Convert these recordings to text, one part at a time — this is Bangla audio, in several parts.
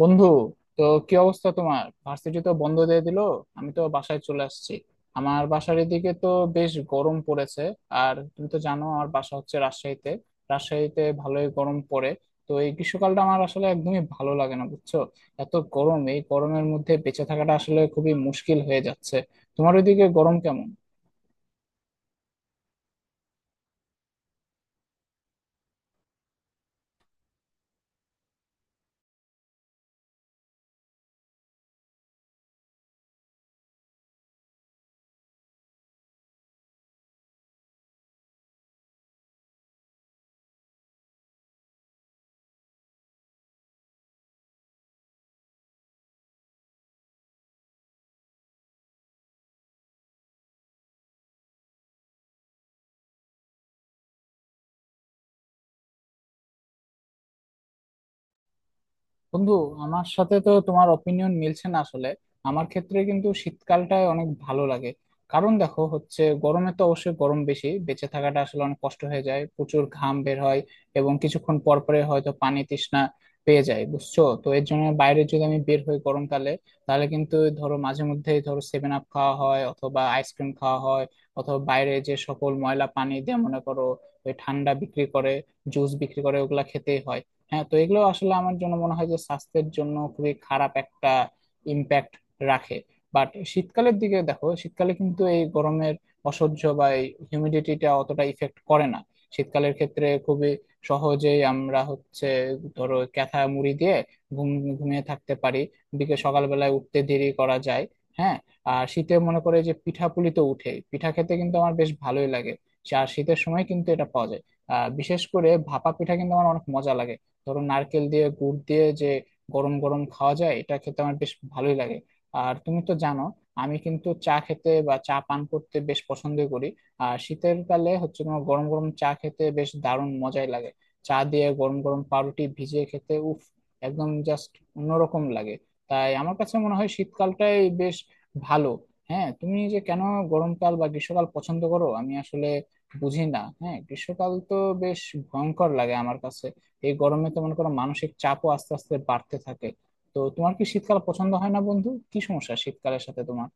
বন্ধু, তো কি অবস্থা? তোমার ভার্সিটি তো বন্ধ দিয়ে দিল। আমি তো বাসায় চলে আসছি। আমার বাসার এদিকে তো বেশ গরম পড়েছে। আর তুমি তো জানো আমার বাসা হচ্ছে রাজশাহীতে। রাজশাহীতে ভালোই গরম পড়ে। তো এই গ্রীষ্মকালটা আমার আসলে একদমই ভালো লাগে না, বুঝছো? এত গরম, এই গরমের মধ্যে বেঁচে থাকাটা আসলে খুবই মুশকিল হয়ে যাচ্ছে। তোমার ওইদিকে গরম কেমন? বন্ধু, আমার সাথে তো তোমার অপিনিয়ন মিলছে না আসলে। আমার ক্ষেত্রে কিন্তু শীতকালটাই অনেক ভালো লাগে। কারণ দেখো, হচ্ছে গরমে তো অবশ্যই গরম বেশি, বেঁচে থাকাটা আসলে অনেক কষ্ট হয়ে যায়, প্রচুর ঘাম বের হয় এবং কিছুক্ষণ পর পরে হয়তো পানি তৃষ্ণা পেয়ে যায়, বুঝছো? তো এর জন্য বাইরে যদি আমি বের হই গরমকালে, তাহলে কিন্তু ধরো মাঝে মধ্যে ধরো সেভেন আপ খাওয়া হয় অথবা আইসক্রিম খাওয়া হয়, অথবা বাইরে যে সকল ময়লা পানি দিয়ে মনে করো ওই ঠান্ডা বিক্রি করে, জুস বিক্রি করে, ওগুলা খেতেই হয়। হ্যাঁ, তো এগুলো আসলে আমার জন্য মনে হয় যে স্বাস্থ্যের জন্য খুবই খারাপ একটা ইম্প্যাক্ট রাখে। বাট শীতকালের দিকে দেখো, শীতকালে কিন্তু এই গরমের অসহ্য বা এই হিউমিডিটিটা অতটা ইফেক্ট করে না। শীতকালের ক্ষেত্রে খুবই সহজেই আমরা হচ্ছে ধরো ক্যাথা মুড়ি দিয়ে ঘুম ঘুমিয়ে থাকতে পারি। বিকেল সকালবেলায় উঠতে দেরি করা যায়। হ্যাঁ, আর শীতে মনে করে যে পিঠাপুলি তো উঠে, পিঠা খেতে কিন্তু আমার বেশ ভালোই লাগে। আর শীতের সময় কিন্তু এটা পাওয়া যায়। আহ, বিশেষ করে ভাপা পিঠা কিন্তু আমার অনেক মজা লাগে। ধরো নারকেল দিয়ে গুড় দিয়ে যে গরম গরম খাওয়া যায়, এটা খেতে আমার বেশ ভালোই লাগে। আর তুমি তো জানো, আমি কিন্তু চা খেতে বা চা পান করতে বেশ পছন্দ করি। আর শীতের কালে হচ্ছে তোমার গরম গরম চা খেতে বেশ দারুণ মজাই লাগে। চা দিয়ে গরম গরম পাউরুটি ভিজিয়ে খেতে উফ, একদম জাস্ট অন্যরকম লাগে। তাই আমার কাছে মনে হয় শীতকালটাই বেশ ভালো। হ্যাঁ, তুমি যে কেন গরমকাল বা গ্রীষ্মকাল পছন্দ করো আমি আসলে বুঝি না। হ্যাঁ, গ্রীষ্মকাল তো বেশ ভয়ঙ্কর লাগে আমার কাছে। এই গরমে তো মনে করো মানসিক চাপও আস্তে আস্তে বাড়তে থাকে। তো তোমার কি শীতকাল পছন্দ হয় না, বন্ধু? কি সমস্যা শীতকালের সাথে তোমার?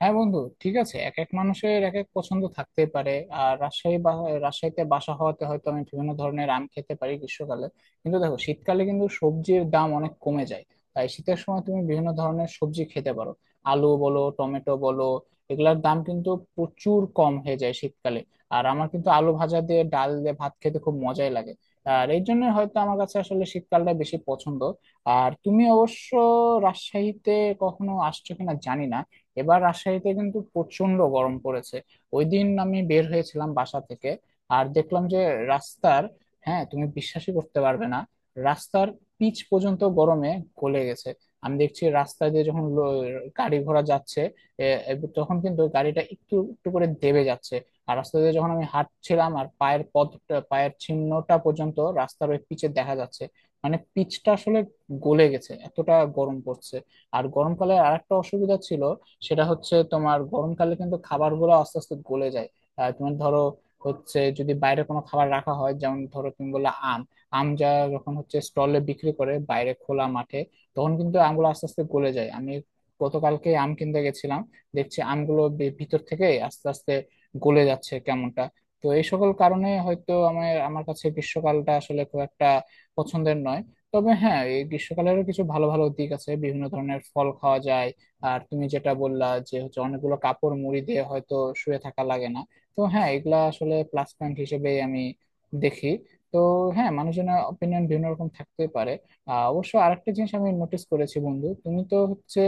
হ্যাঁ বন্ধু, ঠিক আছে, এক এক মানুষের এক এক পছন্দ থাকতে পারে। আর রাজশাহী বা রাজশাহীতে বাসা হওয়াতে হয়তো আমি বিভিন্ন ধরনের আম খেতে পারি গ্রীষ্মকালে। কিন্তু দেখো শীতকালে কিন্তু সবজির দাম অনেক কমে যায়। তাই শীতের সময় তুমি বিভিন্ন ধরনের সবজি খেতে পারো। আলু বলো, টমেটো বলো, এগুলার দাম কিন্তু প্রচুর কম হয়ে যায় শীতকালে। আর আমার কিন্তু আলু ভাজা দিয়ে ডাল দিয়ে ভাত খেতে খুব মজাই লাগে। আর এই জন্য হয়তো আমার কাছে আসলে শীতকালটা বেশি পছন্দ। আর তুমি অবশ্য রাজশাহীতে কখনো আসছো কিনা জানি না। এবার রাজশাহীতে কিন্তু প্রচন্ড গরম পড়েছে। ওই দিন আমি বের হয়েছিলাম বাসা থেকে আর দেখলাম যে রাস্তার, হ্যাঁ তুমি বিশ্বাসই করতে পারবে না, রাস্তার পিচ পর্যন্ত গরমে গলে গেছে। আমি দেখছি রাস্তা দিয়ে যখন গাড়ি ঘোড়া যাচ্ছে, এ, এ, তখন কিন্তু গাড়িটা একটু একটু করে দেবে যাচ্ছে। আর রাস্তা দিয়ে যখন আমি হাঁটছিলাম, আর পায়ের পদটা, পায়ের চিহ্নটা পর্যন্ত রাস্তার ওই পিচে দেখা যাচ্ছে। মানে পিচটা আসলে গলে গেছে, এতটা গরম পড়ছে। আর গরমকালে আরেকটা অসুবিধা ছিল, সেটা হচ্ছে তোমার গরমকালে কিন্তু খাবারগুলো আস্তে আস্তে গলে যায়। আহ, তোমার ধরো হচ্ছে যদি বাইরে কোনো খাবার রাখা হয়, যেমন ধরো তুমি বললে আম। আম যা যখন হচ্ছে স্টলে বিক্রি করে বাইরে খোলা মাঠে, তখন কিন্তু আমগুলো আস্তে আস্তে গলে যায়। আমি গতকালকে আম কিনতে গেছিলাম, দেখছি আমগুলো ভিতর থেকে আস্তে আস্তে গলে যাচ্ছে কেমনটা। তো এই সকল কারণে হয়তো আমার আমার কাছে গ্রীষ্মকালটা আসলে খুব একটা পছন্দের নয়। তবে হ্যাঁ, এই গ্রীষ্মকালেরও কিছু ভালো ভালো দিক আছে, বিভিন্ন ধরনের ফল খাওয়া যায়। আর তুমি যেটা বললা যে হচ্ছে অনেকগুলো কাপড় মুড়ি দিয়ে হয়তো শুয়ে থাকা লাগে না। তো হ্যাঁ, এগুলা আসলে প্লাস পয়েন্ট হিসেবেই আমি দেখি। তো হ্যাঁ, মানুষজনের অপিনিয়ন বিভিন্ন রকম থাকতে পারে। আহ, অবশ্য আরেকটা জিনিস আমি নোটিস করেছি, বন্ধু তুমি তো হচ্ছে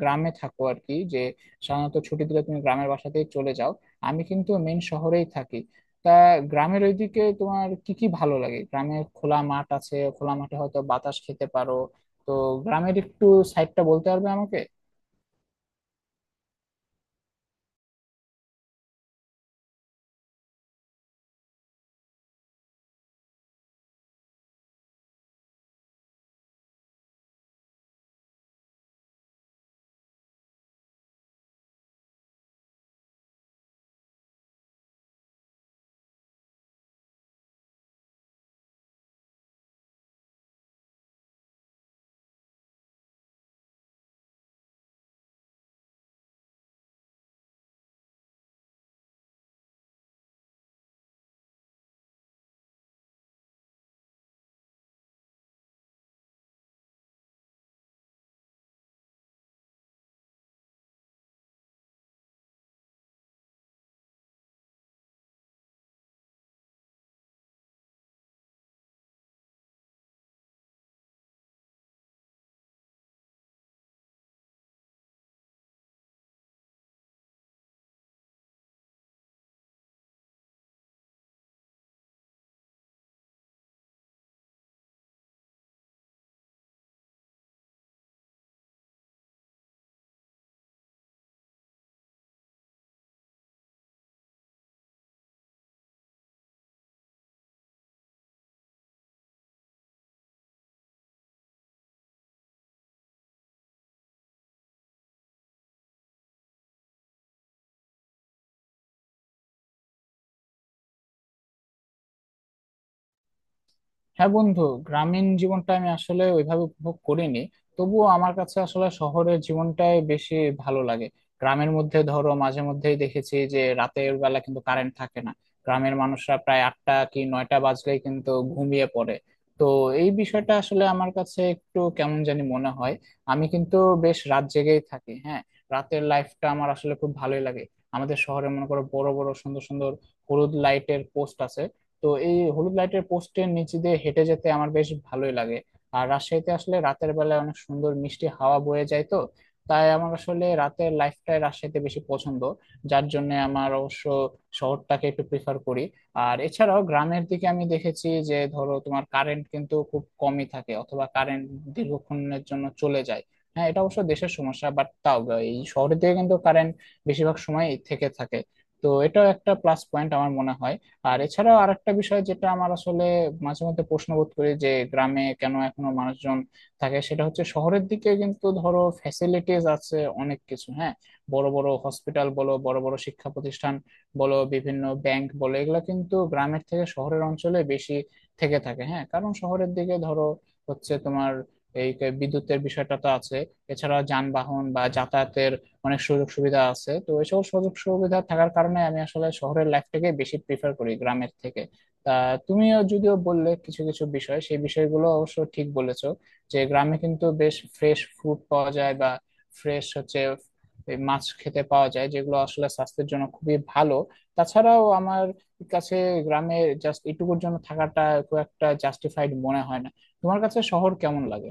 গ্রামে থাকো আর কি, যে সাধারণত ছুটি দিলে তুমি গ্রামের বাসাতেই চলে যাও। আমি কিন্তু মেন শহরেই থাকি। তা গ্রামের ওইদিকে তোমার কি কি ভালো লাগে? গ্রামে খোলা মাঠ আছে, খোলা মাঠে হয়তো বাতাস খেতে পারো। তো গ্রামের একটু সাইডটা বলতে পারবে আমাকে? হ্যাঁ বন্ধু, গ্রামীণ জীবনটা আমি আসলে ওইভাবে উপভোগ করিনি। তবুও আমার কাছে আসলে শহরের জীবনটাই বেশি ভালো লাগে। গ্রামের মধ্যে ধরো মাঝে মধ্যেই দেখেছি যে রাতের বেলা কিন্তু কারেন্ট থাকে না। গ্রামের মানুষরা প্রায় আটটা কি নয়টা বাজলেই কিন্তু ঘুমিয়ে পড়ে। তো এই বিষয়টা আসলে আমার কাছে একটু কেমন জানি মনে হয়। আমি কিন্তু বেশ রাত জেগেই থাকি। হ্যাঁ, রাতের লাইফটা আমার আসলে খুব ভালোই লাগে। আমাদের শহরে মনে করো বড় বড় সুন্দর সুন্দর হলুদ লাইটের পোস্ট আছে। তো এই হলুদ লাইটের পোস্টের নিচে দিয়ে হেঁটে যেতে আমার বেশ ভালোই লাগে। আর রাজশাহীতে আসলে রাতের বেলায় অনেক সুন্দর মিষ্টি হাওয়া বয়ে যায়। তো তাই আমার আসলে রাতের লাইফটাই রাজশাহীতে বেশি পছন্দ। যার জন্য আমার অবশ্য শহরটাকে একটু প্রিফার করি। আর এছাড়াও গ্রামের দিকে আমি দেখেছি যে ধরো তোমার কারেন্ট কিন্তু খুব কমই থাকে, অথবা কারেন্ট দীর্ঘক্ষণের জন্য চলে যায়। হ্যাঁ, এটা অবশ্য দেশের সমস্যা, বাট তাও এই শহরের দিকে কিন্তু কারেন্ট বেশিরভাগ সময় থেকে থাকে। তো এটাও একটা প্লাস পয়েন্ট আমার মনে হয়। আর এছাড়াও আরেকটা বিষয় যেটা আমার আসলে মাঝে মধ্যে প্রশ্নবোধ করি যে গ্রামে কেন এখনো মানুষজন থাকে, সেটা হচ্ছে শহরের দিকে কিন্তু ধরো ফ্যাসিলিটিস আছে অনেক কিছু। হ্যাঁ, বড় বড় হসপিটাল বলো, বড় বড় শিক্ষা প্রতিষ্ঠান বলো, বিভিন্ন ব্যাংক বলো, এগুলো কিন্তু গ্রামের থেকে শহরের অঞ্চলে বেশি থেকে থাকে। হ্যাঁ, কারণ শহরের দিকে ধরো হচ্ছে তোমার এই বিদ্যুতের বিষয়টা তো আছে। এছাড়া যানবাহন বা যাতায়াতের অনেক সুযোগ সুবিধা আছে। তো এই সকল সুযোগ সুবিধা থাকার কারণে আমি আসলে শহরের লাইফটাকে বেশি প্রিফার করি গ্রামের থেকে। তা তুমিও যদিও বললে কিছু কিছু বিষয়, সেই বিষয়গুলো অবশ্য ঠিক বলেছো, যে গ্রামে কিন্তু বেশ ফ্রেশ ফুড পাওয়া যায়, বা ফ্রেশ হচ্ছে এই মাছ খেতে পাওয়া যায় যেগুলো আসলে স্বাস্থ্যের জন্য খুবই ভালো। তাছাড়াও আমার কাছে গ্রামে জাস্ট এটুকুর জন্য থাকাটা খুব একটা জাস্টিফাইড মনে হয় না। তোমার কাছে শহর কেমন লাগে?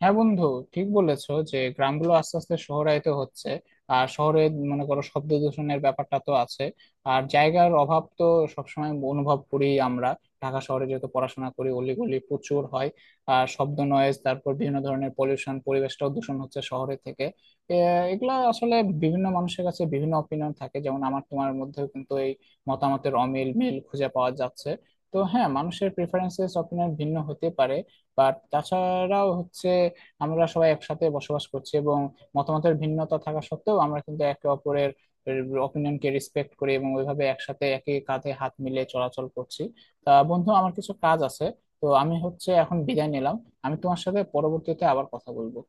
হ্যাঁ বন্ধু, ঠিক বলেছো যে গ্রামগুলো আস্তে আস্তে শহরায়িত হচ্ছে। আর শহরে মনে করো শব্দ দূষণের ব্যাপারটা তো আছে। আর জায়গার অভাব তো সবসময় অনুভব করি আমরা, ঢাকা শহরে যেহেতু পড়াশোনা করি, অলিগলি প্রচুর হয়। আর শব্দ, নয়েজ, তারপর বিভিন্ন ধরনের পলিউশন, পরিবেশটাও দূষণ হচ্ছে শহরে থেকে। এ, এগুলা আসলে বিভিন্ন মানুষের কাছে বিভিন্ন অপিনিয়ন থাকে, যেমন আমার তোমার মধ্যেও কিন্তু এই মতামতের অমিল মিল খুঁজে পাওয়া যাচ্ছে। তো হ্যাঁ, মানুষের প্রেফারেন্সেস অপিনিয়ন ভিন্ন হতে পারে। বাট তাছাড়াও হচ্ছে আমরা সবাই একসাথে বসবাস করছি, এবং মতামতের ভিন্নতা থাকা সত্ত্বেও আমরা কিন্তু একে অপরের অপিনিয়নকে রেসপেক্ট করি, এবং ওইভাবে একসাথে একই কাঁধে হাত মিলিয়ে চলাচল করছি। তা বন্ধু, আমার কিছু কাজ আছে, তো আমি হচ্ছে এখন বিদায় নিলাম। আমি তোমার সাথে পরবর্তীতে আবার কথা বলবো।